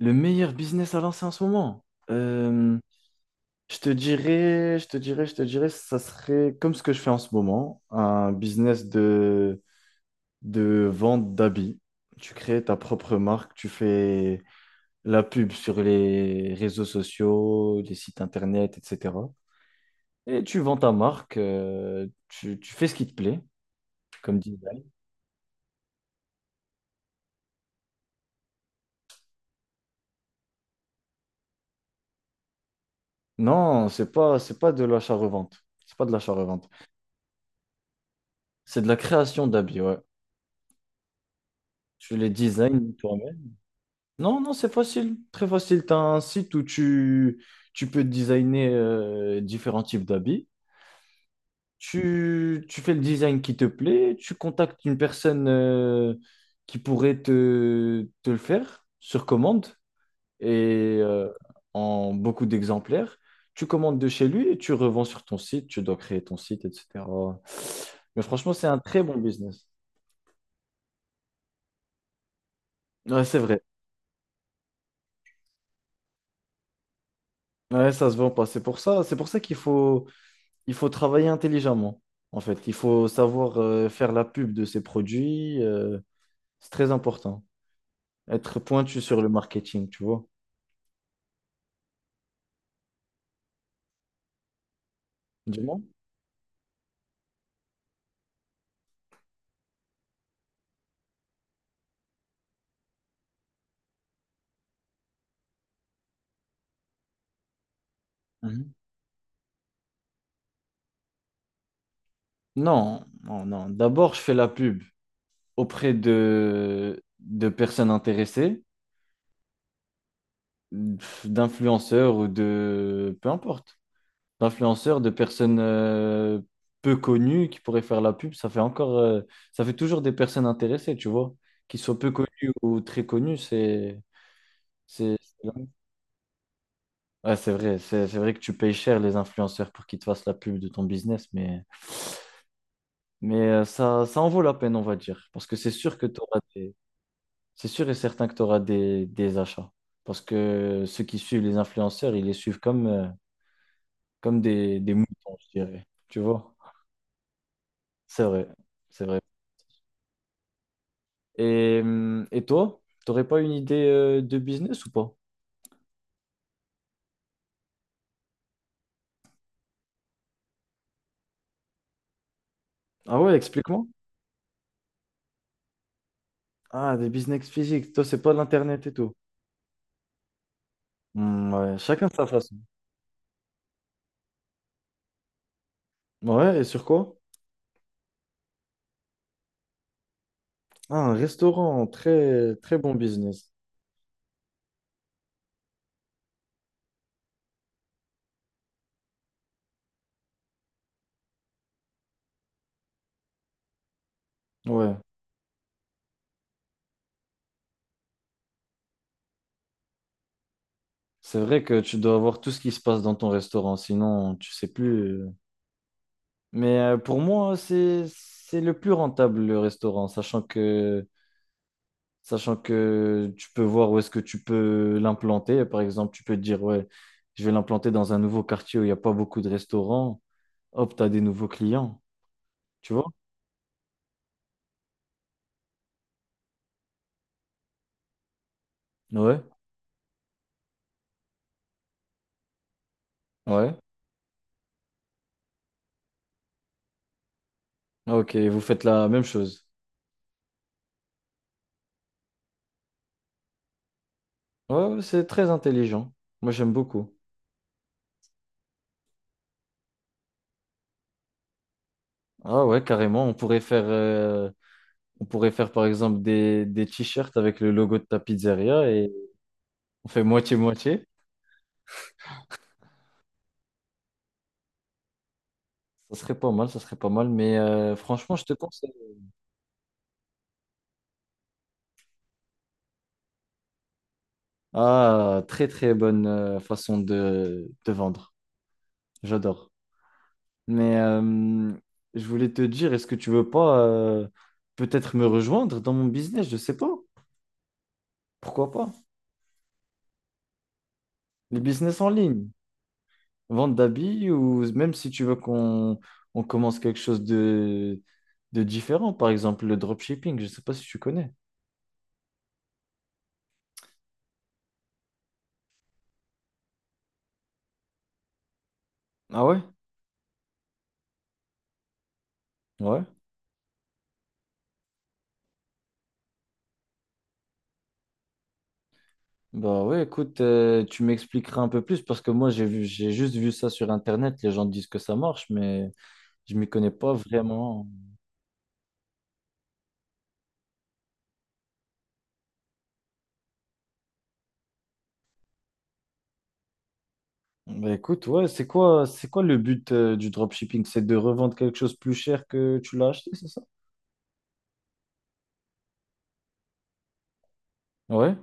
Le meilleur business à lancer en ce moment? Euh, je te dirais, je te dirais, je te dirais, ça serait comme ce que je fais en ce moment, un business de vente d'habits. Tu crées ta propre marque, tu fais la pub sur les réseaux sociaux, les sites internet, etc. Et tu vends ta marque, tu fais ce qui te plaît, comme design. Non, c'est pas de l'achat-revente. C'est pas de l'achat-revente. C'est de la création d'habits, ouais. Tu les designs toi-même. Non, non, c'est facile, très facile. Tu as un site où Tu peux designer différents types d'habits. Tu fais le design qui te plaît, tu contactes une personne qui pourrait te le faire sur commande et euh, en beaucoup d'exemplaires. Tu commandes de chez lui et tu revends sur ton site, tu dois créer ton site, etc. Mais franchement, c'est un très bon business. Ouais, c'est vrai. Ouais, ça se vend pas. C'est pour ça qu'il faut travailler intelligemment, en fait. Il faut savoir faire la pub de ses produits. C'est très important. Être pointu sur le marketing, tu vois. Dis-moi. Mhm. Non, non, non. D'abord, je fais la pub auprès de personnes intéressées, d'influenceurs ou de... Peu importe. D'influenceurs, de personnes peu connues qui pourraient faire la pub. Ça fait Ça fait toujours des personnes intéressées, tu vois. Qu'ils soient peu connues ou très connues, c'est... C'est c'est vrai. Ouais, c'est vrai c'est vrai que tu payes cher les influenceurs pour qu'ils te fassent la pub de ton business, mais ça, ça en vaut la peine, on va dire. Parce que c'est sûr que t'auras des... C'est sûr et certain que tu auras des achats. Parce que ceux qui suivent les influenceurs, ils les suivent comme, comme des moutons, je dirais. Tu vois? C'est vrai, c'est vrai. Et toi, t'aurais pas une idée de business ou pas? Ah ouais, explique-moi. Ah, des business physiques, toi, c'est pas l'Internet et tout. Hmm, ouais, chacun sa façon. Ouais, et sur quoi? Ah, un restaurant, très, très bon business. Ouais. C'est vrai que tu dois avoir tout ce qui se passe dans ton restaurant, sinon tu sais plus. Mais pour moi, c'est le plus rentable, le restaurant, sachant que tu peux voir où est-ce que tu peux l'implanter. Par exemple, tu peux te dire, ouais, je vais l'implanter dans un nouveau quartier où il n'y a pas beaucoup de restaurants. Hop, t'as des nouveaux clients. Tu vois? Ouais. Ouais. Ok, vous faites la même chose. Ouais, ouais, c'est très intelligent. Moi, j'aime beaucoup. Ah ouais, carrément. On pourrait faire par exemple des t-shirts avec le logo de ta pizzeria et on fait moitié-moitié. Ça serait pas mal, ça serait pas mal. Mais franchement, je te conseille. Ah, très très bonne façon de vendre. J'adore. Mais je voulais te dire, est-ce que tu veux pas peut-être me rejoindre dans mon business? Je sais pas. Pourquoi pas? Les business en ligne. Vente d'habits ou même si tu veux qu'on on commence quelque chose de différent, par exemple le dropshipping, je ne sais pas si tu connais. Ah ouais? Ouais. Bah ouais, écoute, tu m'expliqueras un peu plus parce que moi j'ai juste vu ça sur Internet, les gens disent que ça marche, mais je m'y connais pas vraiment. Bah écoute, ouais, c'est quoi le but du dropshipping? C'est de revendre quelque chose plus cher que tu l'as acheté, c'est ça? Ouais,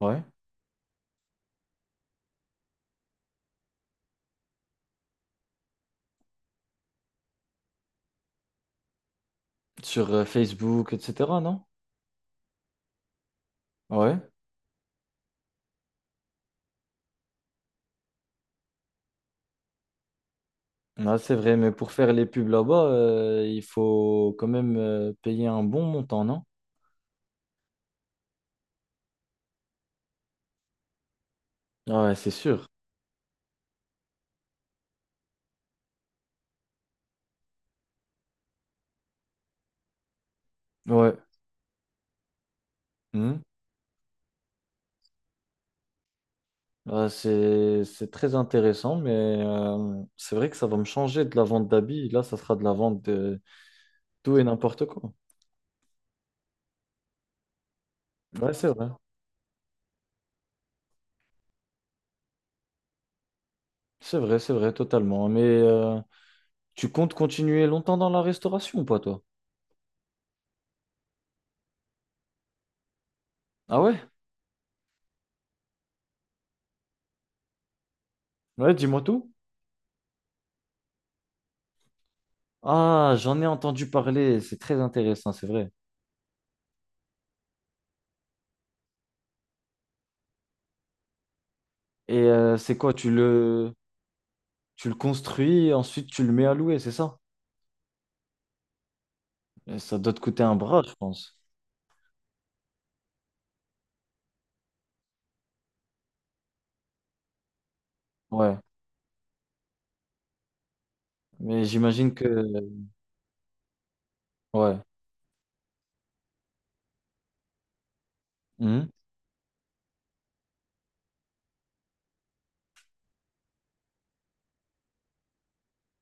ouais. Sur Facebook, etc., non? Ouais. Ah, c'est vrai, mais pour faire les pubs là-bas, il faut quand même payer un bon montant, non? Ah ouais, c'est sûr. Ouais. Mhm. Ah, c'est très intéressant, mais c'est vrai que ça va me changer de la vente d'habits. Là, ça sera de la vente de tout et n'importe quoi. Ouais, c'est vrai. C'est vrai, c'est vrai, totalement. Mais tu comptes continuer longtemps dans la restauration ou pas, toi? Ah ouais? Ouais, dis-moi tout. Ah, j'en ai entendu parler. C'est très intéressant, c'est vrai. Et c'est quoi, tu le... Tu le construis, ensuite tu le mets à louer, c'est ça? Et ça doit te coûter un bras, je pense. Ouais, mais j'imagine que... Ouais, Mhm.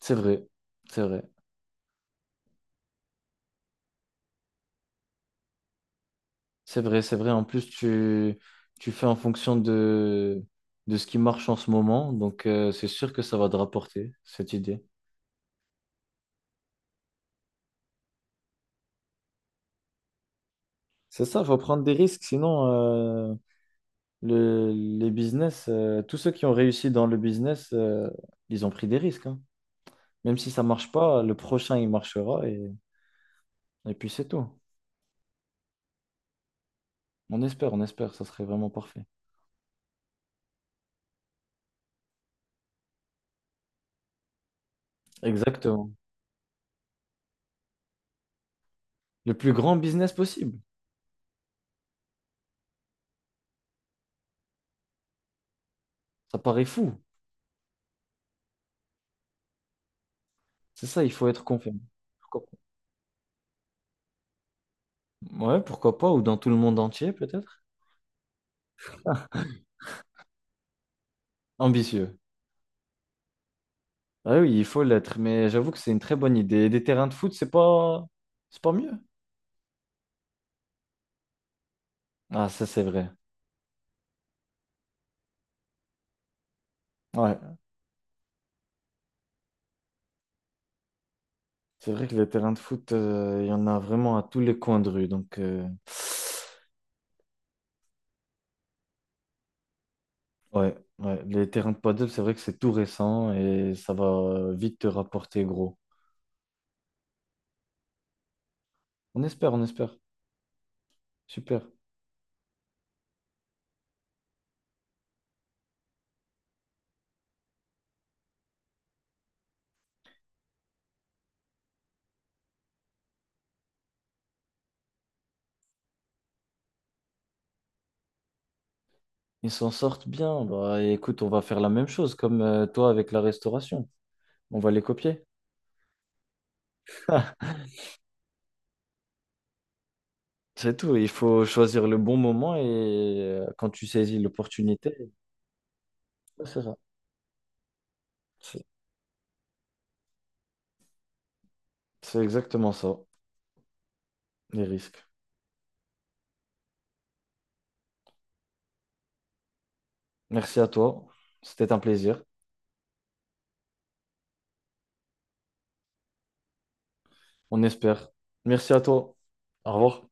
C'est vrai, c'est vrai, c'est vrai, c'est vrai. En plus, tu fais en fonction de ce qui marche en ce moment, donc c'est sûr que ça va te rapporter, cette idée. C'est ça, il faut prendre des risques, sinon le- les business, tous ceux qui ont réussi dans le business, ils ont pris des risques, hein. Même si ça marche pas, le prochain, il marchera et puis c'est tout. On espère, ça serait vraiment parfait. Exactement. Le plus grand business possible. Ça paraît fou. C'est ça, il faut être confiant. Pourquoi pas. Ouais, pourquoi pas, ou dans tout le monde entier, peut-être. Ambitieux. Ah oui, il faut l'être, mais j'avoue que c'est une très bonne idée. Et des terrains de foot, c'est pas mieux. Ah, ça, c'est vrai. Ouais, c'est vrai que les terrains de foot, il y en a vraiment à tous les coins de rue. Donc, ouais, les terrains de paddle, c'est vrai que c'est tout récent et ça va vite te rapporter gros. On espère, on espère. Super. Ils s'en sortent bien. Bah, écoute, on va faire la même chose comme toi avec la restauration. On va les copier. C'est tout. Il faut choisir le bon moment et quand tu saisis l'opportunité, ouais, c'est ça. C'est c'est exactement ça, les risques. Merci à toi. C'était un plaisir. On espère. Merci à toi. Au revoir.